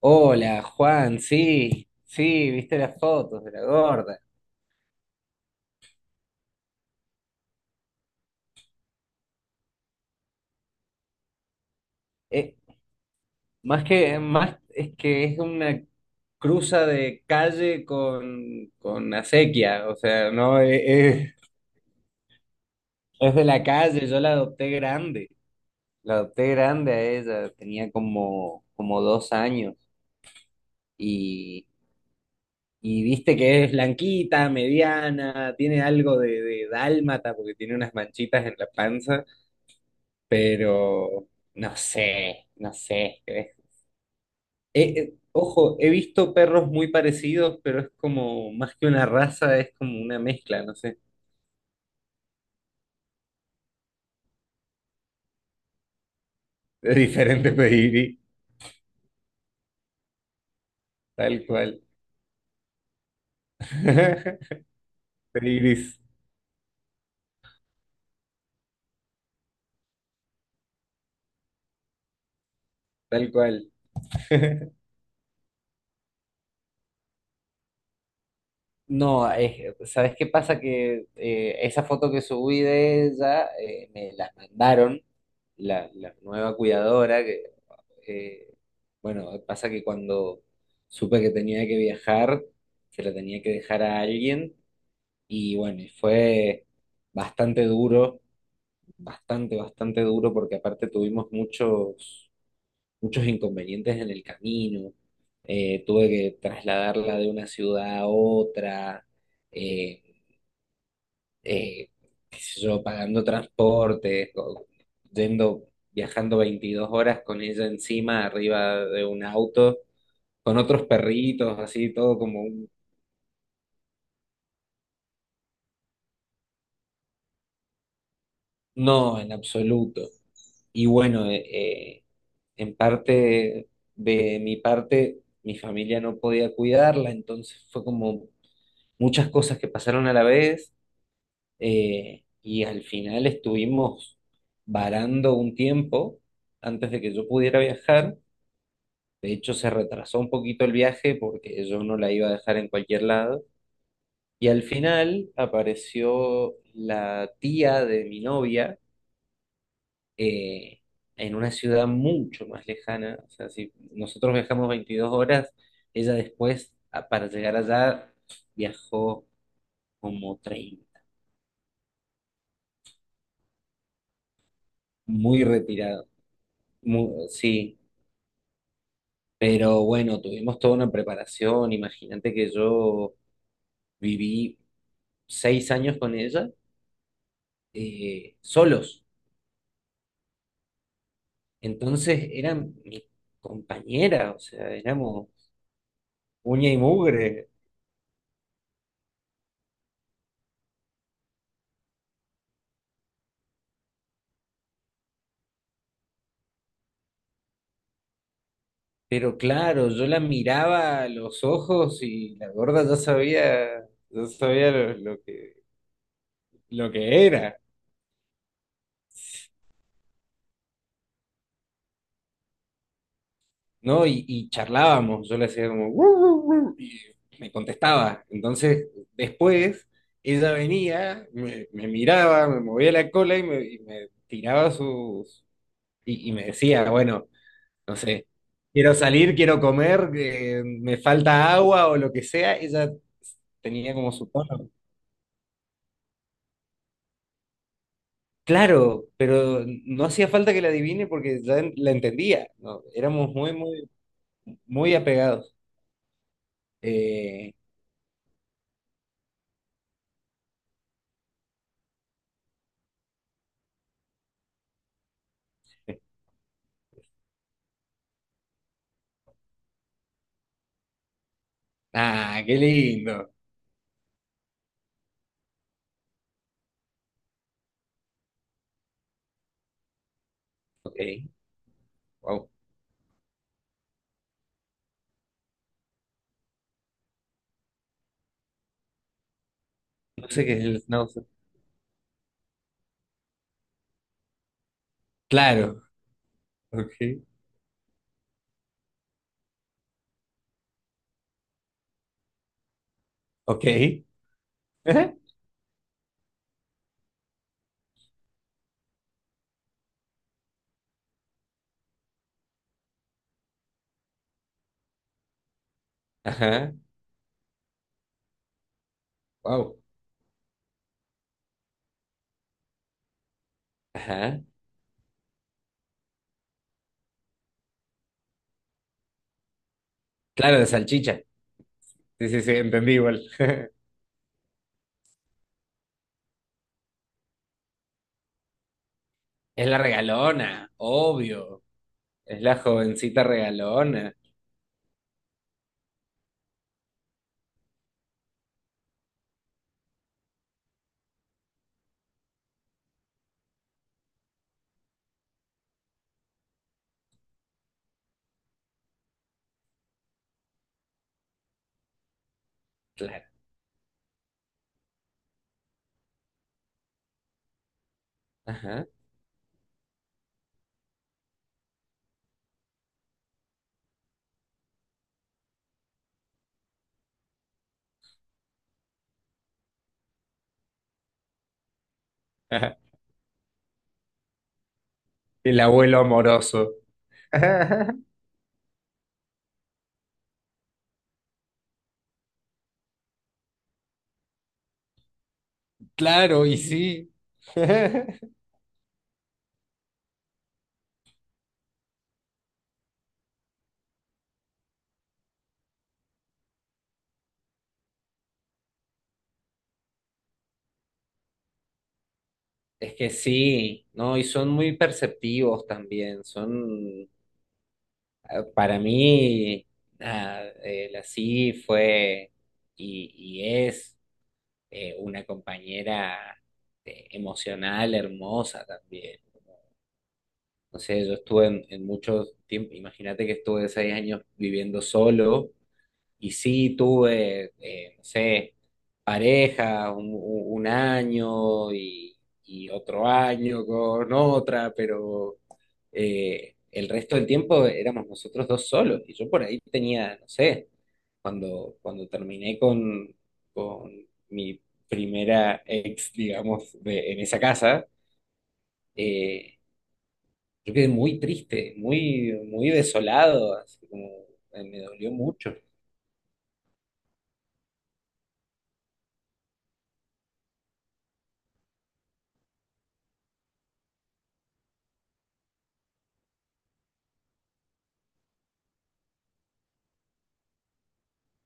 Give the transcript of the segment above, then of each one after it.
Hola, Juan, sí, sí, viste las fotos de la gorda. Eh, más es que es una cruza de calle con acequia, o sea, no, es de la calle, yo la adopté grande a ella, tenía como dos años y, y viste que es blanquita, mediana, tiene algo de dálmata porque tiene unas manchitas en la panza. Pero no sé. Ojo, he visto perros muy parecidos, pero es como más que una raza, es como una mezcla, no sé, de diferentes pedigrí, tal cual. Pedigris, tal cual. No, ¿sabes qué pasa? Que esa foto que subí de ella me la mandaron, la nueva cuidadora. Eh, bueno, pasa que cuando supe que tenía que viajar, se lo tenía que dejar a alguien y bueno, y fue bastante duro, bastante duro porque aparte tuvimos muchos, muchos inconvenientes en el camino. Tuve que trasladarla de una ciudad a otra, eh, eh, qué sé yo, pagando transporte, yendo, viajando 22 horas con ella encima, arriba de un auto con otros perritos, así todo como un... No, en absoluto. Y bueno, en parte de mi parte, mi familia no podía cuidarla, entonces fue como muchas cosas que pasaron a la vez y al final estuvimos varando un tiempo antes de que yo pudiera viajar. De hecho, se retrasó un poquito el viaje porque yo no la iba a dejar en cualquier lado. Y al final apareció la tía de mi novia eh, en una ciudad mucho más lejana. O sea, si nosotros viajamos 22 horas, ella después, para llegar allá, viajó como treinta, muy retirado. Sí, pero bueno, tuvimos toda una preparación. Imagínate que yo viví 6 años con ella, solos. Entonces era mi compañera, o sea, éramos uña y mugre. Pero claro, yo la miraba a los ojos y la gorda ya sabía lo que era, ¿no? Y charlábamos, yo le hacía como, "Wu, wu, wu", y me contestaba. Entonces, después, ella venía, me miraba, me movía la cola y me tiraba sus... Y, y me decía, bueno, no sé, quiero salir, quiero comer, me falta agua o lo que sea. Ella tenía como su tono. Claro, pero no hacía falta que la adivine porque ya la entendía, ¿no? Éramos muy, muy, muy apegados. Eh, ah, qué lindo. Ok, wow. No sé qué es el schnauzer. Claro, ok, ok. Ajá, ajá, wow, ajá. Claro, de salchicha. Sí, sí, sí, entendí igual. Es la regalona, obvio. Es la jovencita regalona, claro. Ajá, ajá. El abuelo amoroso. Claro, y sí. Es que sí, ¿no? Y son muy perceptivos también, son, para mí, nada, la sí fue y, y es una compañera emocional, hermosa también. No sé, yo estuve en muchos tiempos, imagínate que estuve 6 años viviendo solo. Y sí, tuve, no sé, pareja un año y otro año con otra, pero el resto del tiempo éramos nosotros dos solos. Y yo por ahí tenía, no sé, cuando terminé con mi primera ex, digamos, en esa casa, eh, yo quedé muy triste, muy, muy desolado, así como me dolió mucho,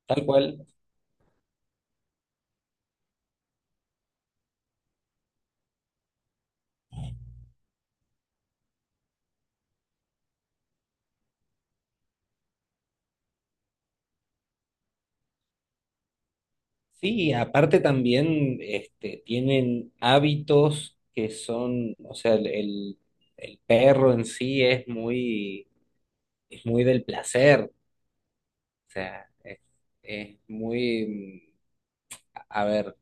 tal cual. Sí, aparte también este, tienen hábitos que son, o sea, el perro en sí es muy del placer, o sea, es muy, a ver,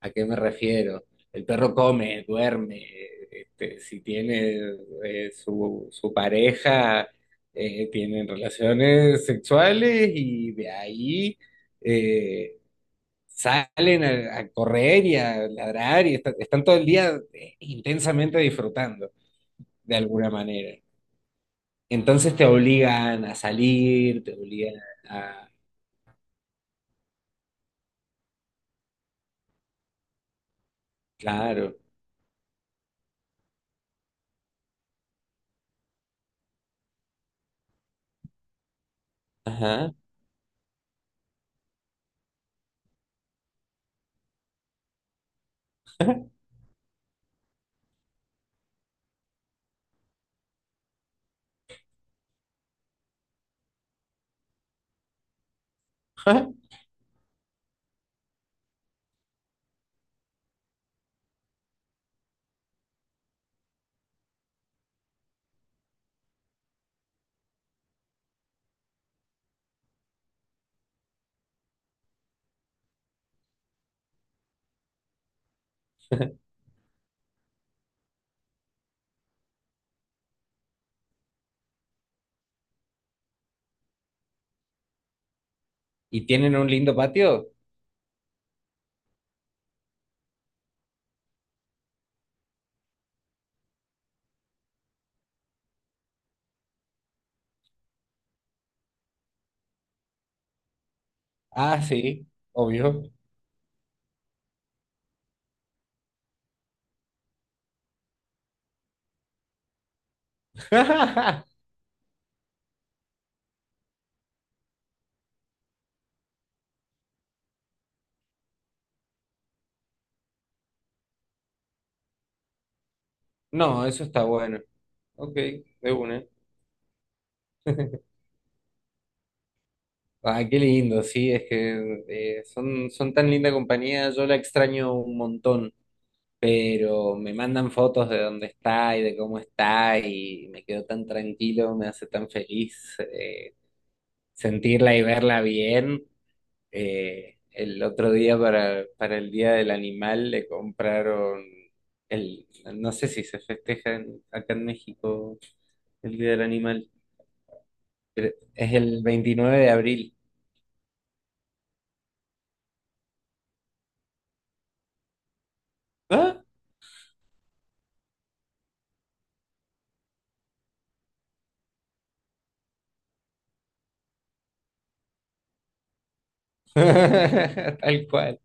¿a qué me refiero? El perro come, duerme, este, si tiene su, su pareja, tienen relaciones sexuales y de ahí eh, salen a correr y a ladrar y están todo el día intensamente disfrutando de alguna manera. Entonces te obligan a salir, te obligan a... Claro. Ajá. ¿Y tienen un lindo patio? Ah, sí, obvio. No, eso está bueno. Ok, de una. Ah, qué lindo, sí, es que son, son tan linda compañía, yo la extraño un montón. Pero me mandan fotos de dónde está y de cómo está y me quedo tan tranquilo, me hace tan feliz sentirla y verla bien. El otro día para el Día del Animal le compraron el, no sé si se festeja acá en México el Día del Animal, pero es el 29 de abril. ¿Ah? Tal cual.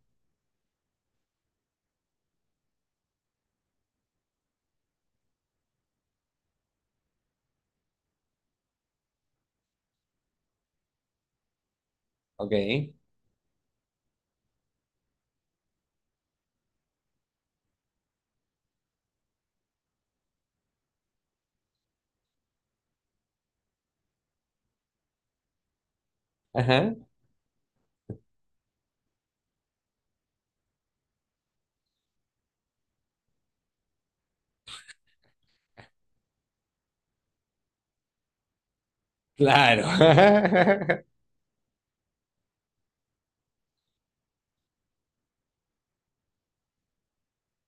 Ok. Ajá. Claro.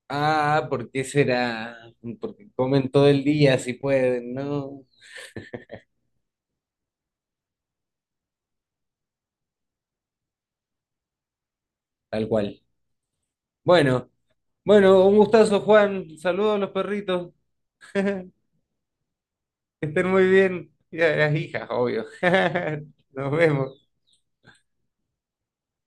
Ah, ¿por qué será? Porque comen todo el día si pueden, ¿no? Tal cual. Bueno, bueno, un gustazo, Juan. Saludos a los perritos. Que estén muy bien. Y a las hijas, obvio. Nos vemos.